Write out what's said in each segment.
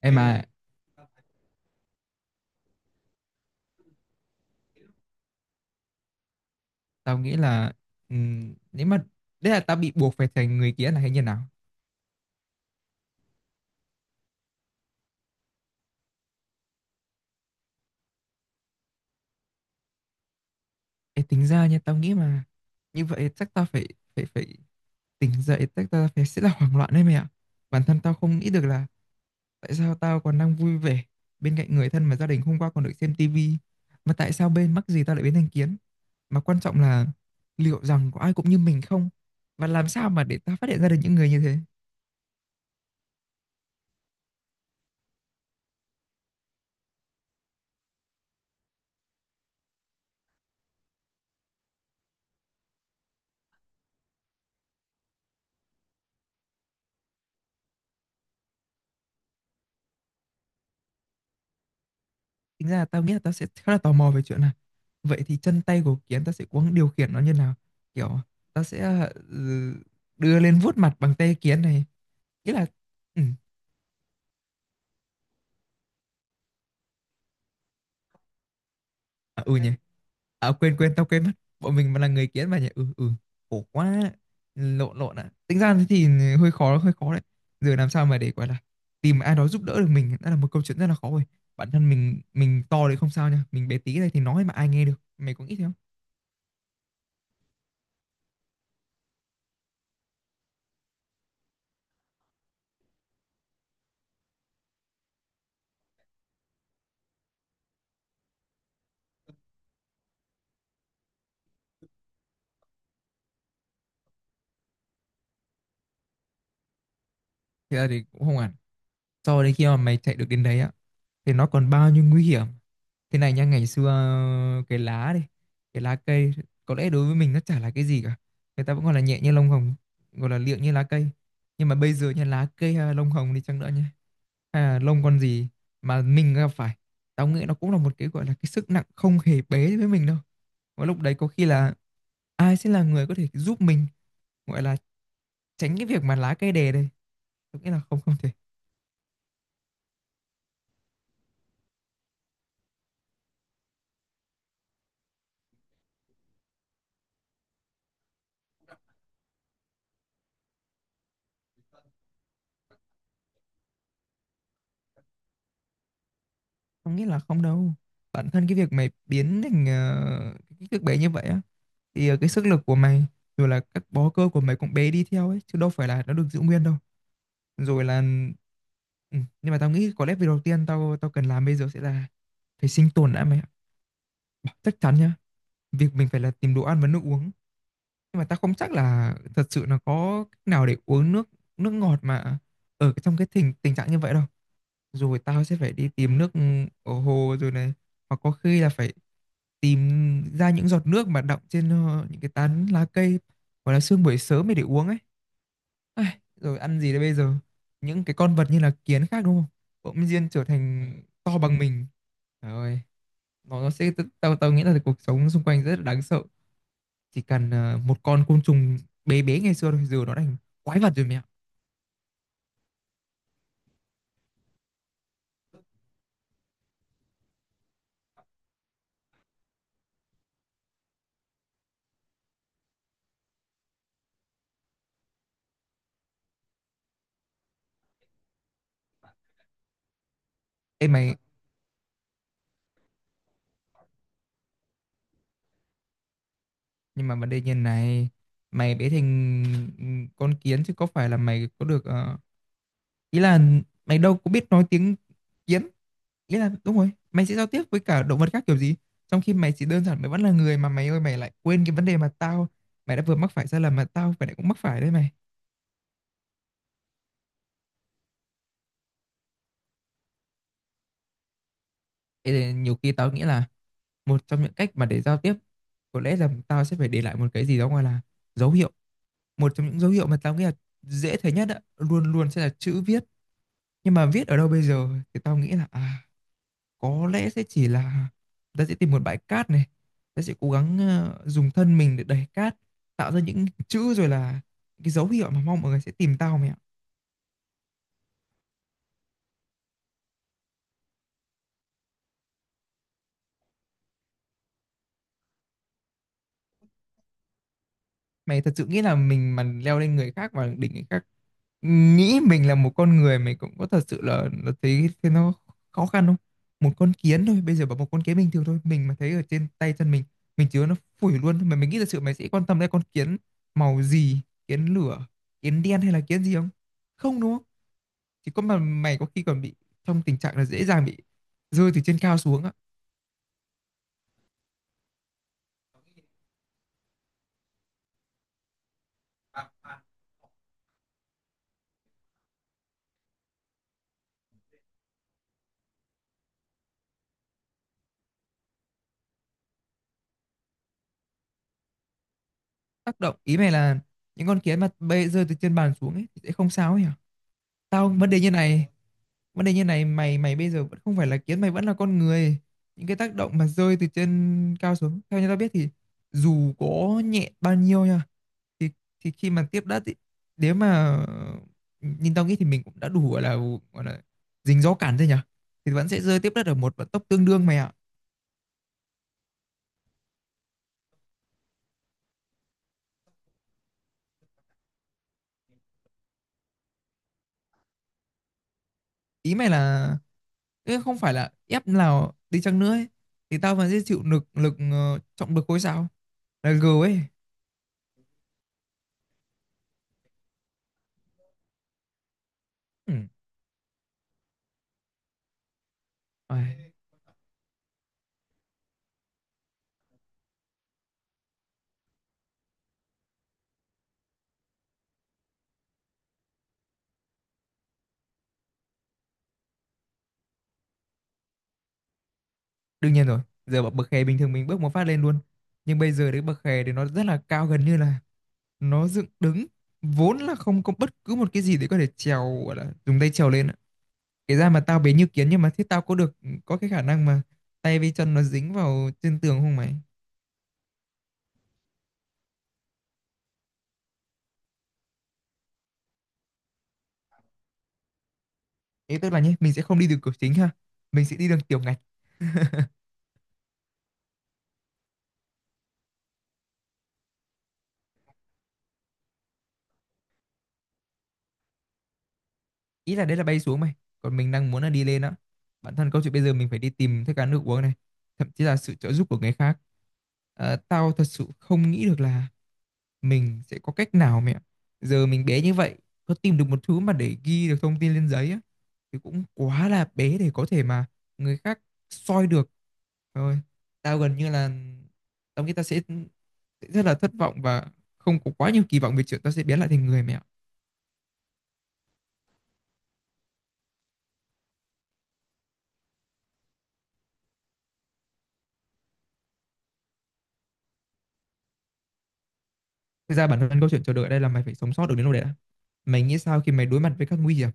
Em mà. Tao nghĩ là nếu mà đấy là tao bị buộc phải thành người kia là hay như nào? Ê, tính ra nha, tao nghĩ mà như vậy chắc tao phải phải phải tỉnh dậy, chắc tao phải sẽ là hoảng loạn đấy mày ạ. Bản thân tao không nghĩ được là tại sao tao còn đang vui vẻ bên cạnh người thân mà gia đình hôm qua còn được xem tivi, mà tại sao bên mắc gì tao lại biến thành kiến? Mà quan trọng là liệu rằng có ai cũng như mình không? Và làm sao mà để tao phát hiện ra được những người như thế? Tính ra là tao nghĩ là tao sẽ khá là tò mò về chuyện này, vậy thì chân tay của kiến tao sẽ có điều khiển nó như nào, kiểu tao sẽ đưa lên vuốt mặt bằng tay kiến này, nghĩa là ừ, à, ừ nhỉ. À, quên quên tao quên mất, bọn mình mà là người kiến mà nhỉ. Ừ Khổ quá, lộn lộn ạ. Tính ra thì hơi khó, hơi khó đấy, giờ làm sao mà để gọi là tìm ai đó giúp đỡ được mình đã là một câu chuyện rất là khó rồi. Bản thân mình to thì không sao nha, mình bé tí này thì nói mà ai nghe được, mày có nghĩ thế không? Thì là thì cũng không hẳn. Sau đấy khi mà mày chạy được đến đấy á thì nó còn bao nhiêu nguy hiểm. Thế này nha, ngày xưa cái lá cây có lẽ đối với mình nó chả là cái gì cả. Người ta vẫn gọi là nhẹ như lông hồng, gọi là liệng như lá cây. Nhưng mà bây giờ nha, lá cây hay là lông hồng đi chăng nữa nha, hay là lông con gì mà mình gặp phải, tao nghĩ nó cũng là một cái gọi là cái sức nặng không hề bé với mình đâu. Và lúc đấy có khi là ai sẽ là người có thể giúp mình gọi là tránh cái việc mà lá cây đè đây. Tôi nghĩ là không, không thể. Không nghĩ là không đâu. Bản thân cái việc mày biến thành cái kích thước bé như vậy á, thì cái sức lực của mày rồi là các bó cơ của mày cũng bé đi theo ấy, chứ đâu phải là nó được giữ nguyên đâu. Rồi là ừ. Nhưng mà tao nghĩ có lẽ việc đầu tiên tao tao cần làm bây giờ sẽ là phải sinh tồn đã mày ạ. Chắc chắn nhá. Việc mình phải là tìm đồ ăn và nước uống. Nhưng mà tao không chắc là thật sự là có cách nào để uống nước nước ngọt mà ở trong cái tình tình trạng như vậy đâu. Rồi tao sẽ phải đi tìm nước, ở hồ rồi này, hoặc có khi là phải tìm ra những giọt nước mà đọng trên những cái tán lá cây, hoặc là sương buổi sớm để uống ấy. Ai, rồi ăn gì đây bây giờ, những cái con vật như là kiến khác đúng không, bỗng nhiên trở thành to bằng mình, trời ơi, nó sẽ tao tao nghĩ là cuộc sống xung quanh rất là đáng sợ, chỉ cần một con côn trùng bé bé ngày xưa thôi, giờ nó thành quái vật rồi mẹ. Em mày, nhưng mà vấn đề như này, mày bé thành con kiến chứ có phải là mày có được ý là mày đâu có biết nói tiếng kiến, ý là đúng rồi mày sẽ giao tiếp với cả động vật khác kiểu gì, trong khi mày chỉ đơn giản mày vẫn là người mà, mày ơi mày lại quên cái vấn đề mà tao, mày đã vừa mắc phải sai lầm mà tao phải lại cũng mắc phải đấy mày. Thế nên nhiều khi tao nghĩ là một trong những cách mà để giao tiếp có lẽ là tao sẽ phải để lại một cái gì đó gọi là dấu hiệu, một trong những dấu hiệu mà tao nghĩ là dễ thấy nhất á, luôn luôn sẽ là chữ viết. Nhưng mà viết ở đâu bây giờ thì tao nghĩ là có lẽ sẽ chỉ là ta sẽ tìm một bãi cát này, ta sẽ cố gắng dùng thân mình để đẩy cát, tạo ra những chữ rồi là cái dấu hiệu mà mong mọi người sẽ tìm tao mày ạ. Mày thật sự nghĩ là mình mà leo lên người khác và đỉnh người khác, nghĩ mình là một con người, mình cũng có thật sự là, thấy thế nó khó khăn không? Một con kiến thôi, bây giờ bảo một con kiến bình thường thôi, mình mà thấy ở trên tay chân mình chứa nó phủi luôn. Mà mình nghĩ thật sự mày sẽ quan tâm đến con kiến màu gì, kiến lửa, kiến đen hay là kiến gì không? Không đúng không? Chỉ có mà mày có khi còn bị trong tình trạng là dễ dàng bị rơi từ trên cao xuống á. Tác động ý mày là những con kiến mà bay rơi từ trên bàn xuống ấy thì sẽ không sao ấy hả? Tao vấn đề như này, vấn đề như này mày mày bây giờ vẫn không phải là kiến, mày vẫn là con người. Những cái tác động mà rơi từ trên cao xuống, theo như tao biết thì dù có nhẹ bao nhiêu nha, thì thì khi mà tiếp đất thì nếu mà nhìn tao nghĩ thì mình cũng đã đủ gọi là dính gió cản rồi nhỉ, thì vẫn sẽ rơi tiếp đất ở một vận tốc tương đương mày ạ. Ý mày là Ê, không phải là ép nào đi chăng nữa ấy, thì tao vẫn sẽ chịu lực lực trọng lực khối sao là G ấy. Ừ. Ai. Đương nhiên rồi, giờ bậc bậc hè bình thường mình bước một phát lên luôn. Nhưng bây giờ đến bậc hè thì nó rất là cao, gần như là nó dựng đứng. Vốn là không có bất cứ một cái gì để có thể trèo, gọi là dùng tay trèo lên ạ. Kể ra mà tao bé như kiến nhưng mà thế tao có cái khả năng mà tay với chân nó dính vào trên tường không mày? Thế tức là nhé, mình sẽ không đi đường cửa chính ha. Mình sẽ đi đường tiểu ngạch. Ý là đấy là bay xuống mày, còn mình đang muốn là đi lên á, bản thân câu chuyện bây giờ mình phải đi tìm thức ăn nước uống này, thậm chí là sự trợ giúp của người khác. Ờ, tao thật sự không nghĩ được là mình sẽ có cách nào mẹ, giờ mình bé như vậy, có tìm được một thứ mà để ghi được thông tin lên giấy á thì cũng quá là bé để có thể mà người khác soi được. Rồi tao gần như là tao nghĩ tao sẽ rất là thất vọng và không có quá nhiều kỳ vọng về chuyện tao sẽ biến lại thành người mẹ. Thực ra bản thân câu chuyện chờ đợi ở đây là mày phải sống sót được đến lúc đấy đã. Mày nghĩ sao khi mày đối mặt với các nguy hiểm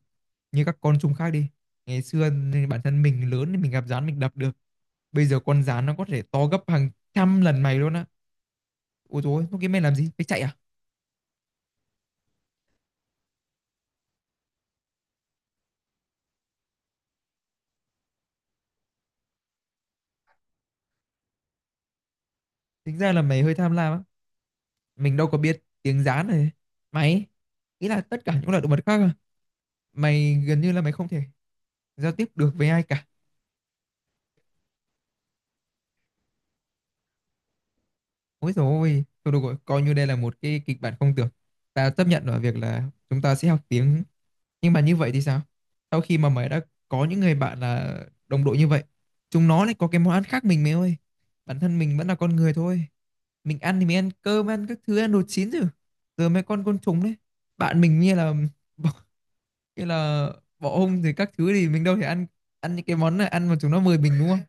như các con trùng khác đi. Ngày xưa nên bản thân mình lớn thì mình gặp gián mình đập được. Bây giờ con gián nó có thể to gấp hàng trăm lần mày luôn á. Ôi dồi, ôi, lúc kia mày làm gì? Mày chạy à? Tính ra là mày hơi tham lam á. Mình đâu có biết tiếng gián này. Mày, ý là tất cả những loại động vật khác à? Mày gần như là mày không thể giao tiếp được với ai cả. Ôi dồi ôi, thôi được rồi, coi như đây là một cái kịch bản không tưởng. Ta chấp nhận ở việc là chúng ta sẽ học tiếng. Nhưng mà như vậy thì sao? Sau khi mà mày đã có những người bạn là đồng đội như vậy, chúng nó lại có cái món ăn khác mình mày ơi. Bản thân mình vẫn là con người thôi. Mình ăn thì mình ăn cơm, ăn các thứ, ăn đồ chín rồi. Giờ mấy con côn trùng đấy. Bạn mình như là bọ- như là bọ hung rồi các thứ thì mình đâu thể ăn ăn những cái món này, ăn mà chúng nó mời mình đúng không?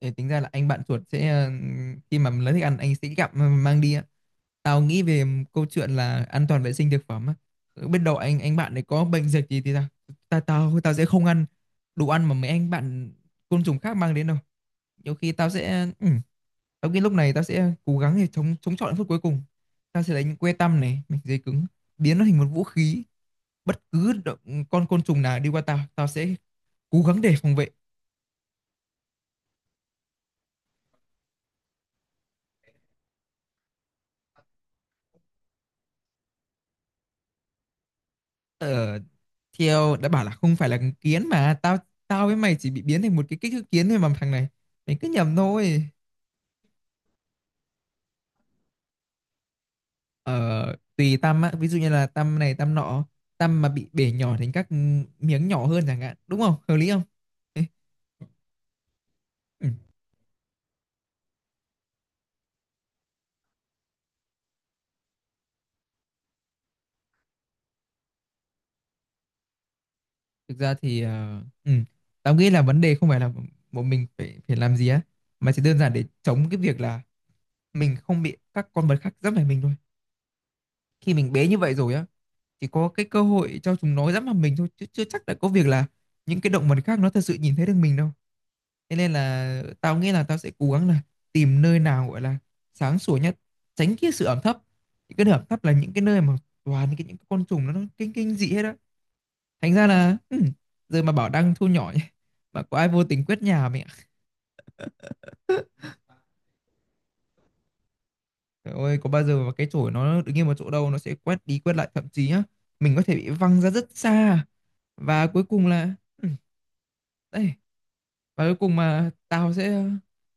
Để tính ra là anh bạn chuột sẽ khi mà lấy thức ăn anh sẽ gặm mà mang đi á. Tao nghĩ về câu chuyện là an toàn vệ sinh thực phẩm á. Biết đâu anh bạn này có bệnh dịch gì thì tao sẽ không ăn đồ ăn mà mấy anh bạn côn trùng khác mang đến đâu. Nhiều khi tao sẽ tao nghĩ lúc này tao sẽ cố gắng để chống chống chọi đến phút cuối cùng. Tao sẽ lấy những que tăm này, mảnh giấy cứng, biến nó thành một vũ khí. Bất cứ con côn trùng nào đi qua tao, tao sẽ cố gắng để phòng vệ. Ờ, theo đã bảo là không phải là kiến mà tao tao với mày chỉ bị biến thành một cái kích thước kiến thôi mà thằng này. Mày cứ nhầm thôi. Ờ, tùy tăm á, ví dụ như là tăm này tăm nọ, tăm mà bị bể nhỏ thành các miếng nhỏ hơn chẳng hạn, đúng không, hợp lý không? Ê, ừ. Thực ra thì tao nghĩ là vấn đề không phải là bọn mình phải phải làm gì á, mà chỉ đơn giản để chống cái việc là mình không bị các con vật khác dẫm phải mình thôi. Khi mình bé như vậy rồi á, chỉ có cái cơ hội cho chúng nó dẫm vào mình thôi, chứ chưa chắc đã có việc là những cái động vật khác nó thật sự nhìn thấy được mình đâu. Thế nên là tao nghĩ là tao sẽ cố gắng là tìm nơi nào gọi là sáng sủa nhất, tránh cái sự ẩm thấp. Những cái nơi ẩm thấp là những cái nơi mà toàn cái những cái con trùng nó kinh kinh dị hết á. Thành ra là giờ mà bảo đang thu nhỏ nhỉ, mà có ai vô tình quét nhà mẹ. Trời ơi, có bao giờ mà cái chổi nó đứng yên một chỗ đâu, nó sẽ quét đi quét lại, thậm chí á, mình có thể bị văng ra rất xa. Và cuối cùng là ừ, đây, và cuối cùng mà tao sẽ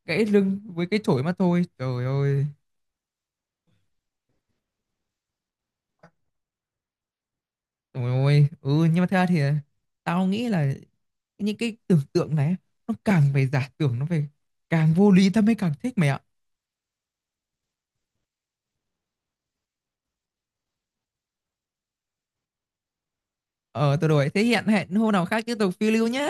gãy lưng với cái chổi mà thôi. Trời ơi. Ôi ôi, ừ nhưng mà thật ra thì tao nghĩ là những cái tưởng tượng này, nó càng về giả tưởng, nó về càng vô lý tao mới càng thích mày ạ. Ờ tao đổi thế, hiện hẹn hôm nào khác tiếp tục phiêu lưu nhá.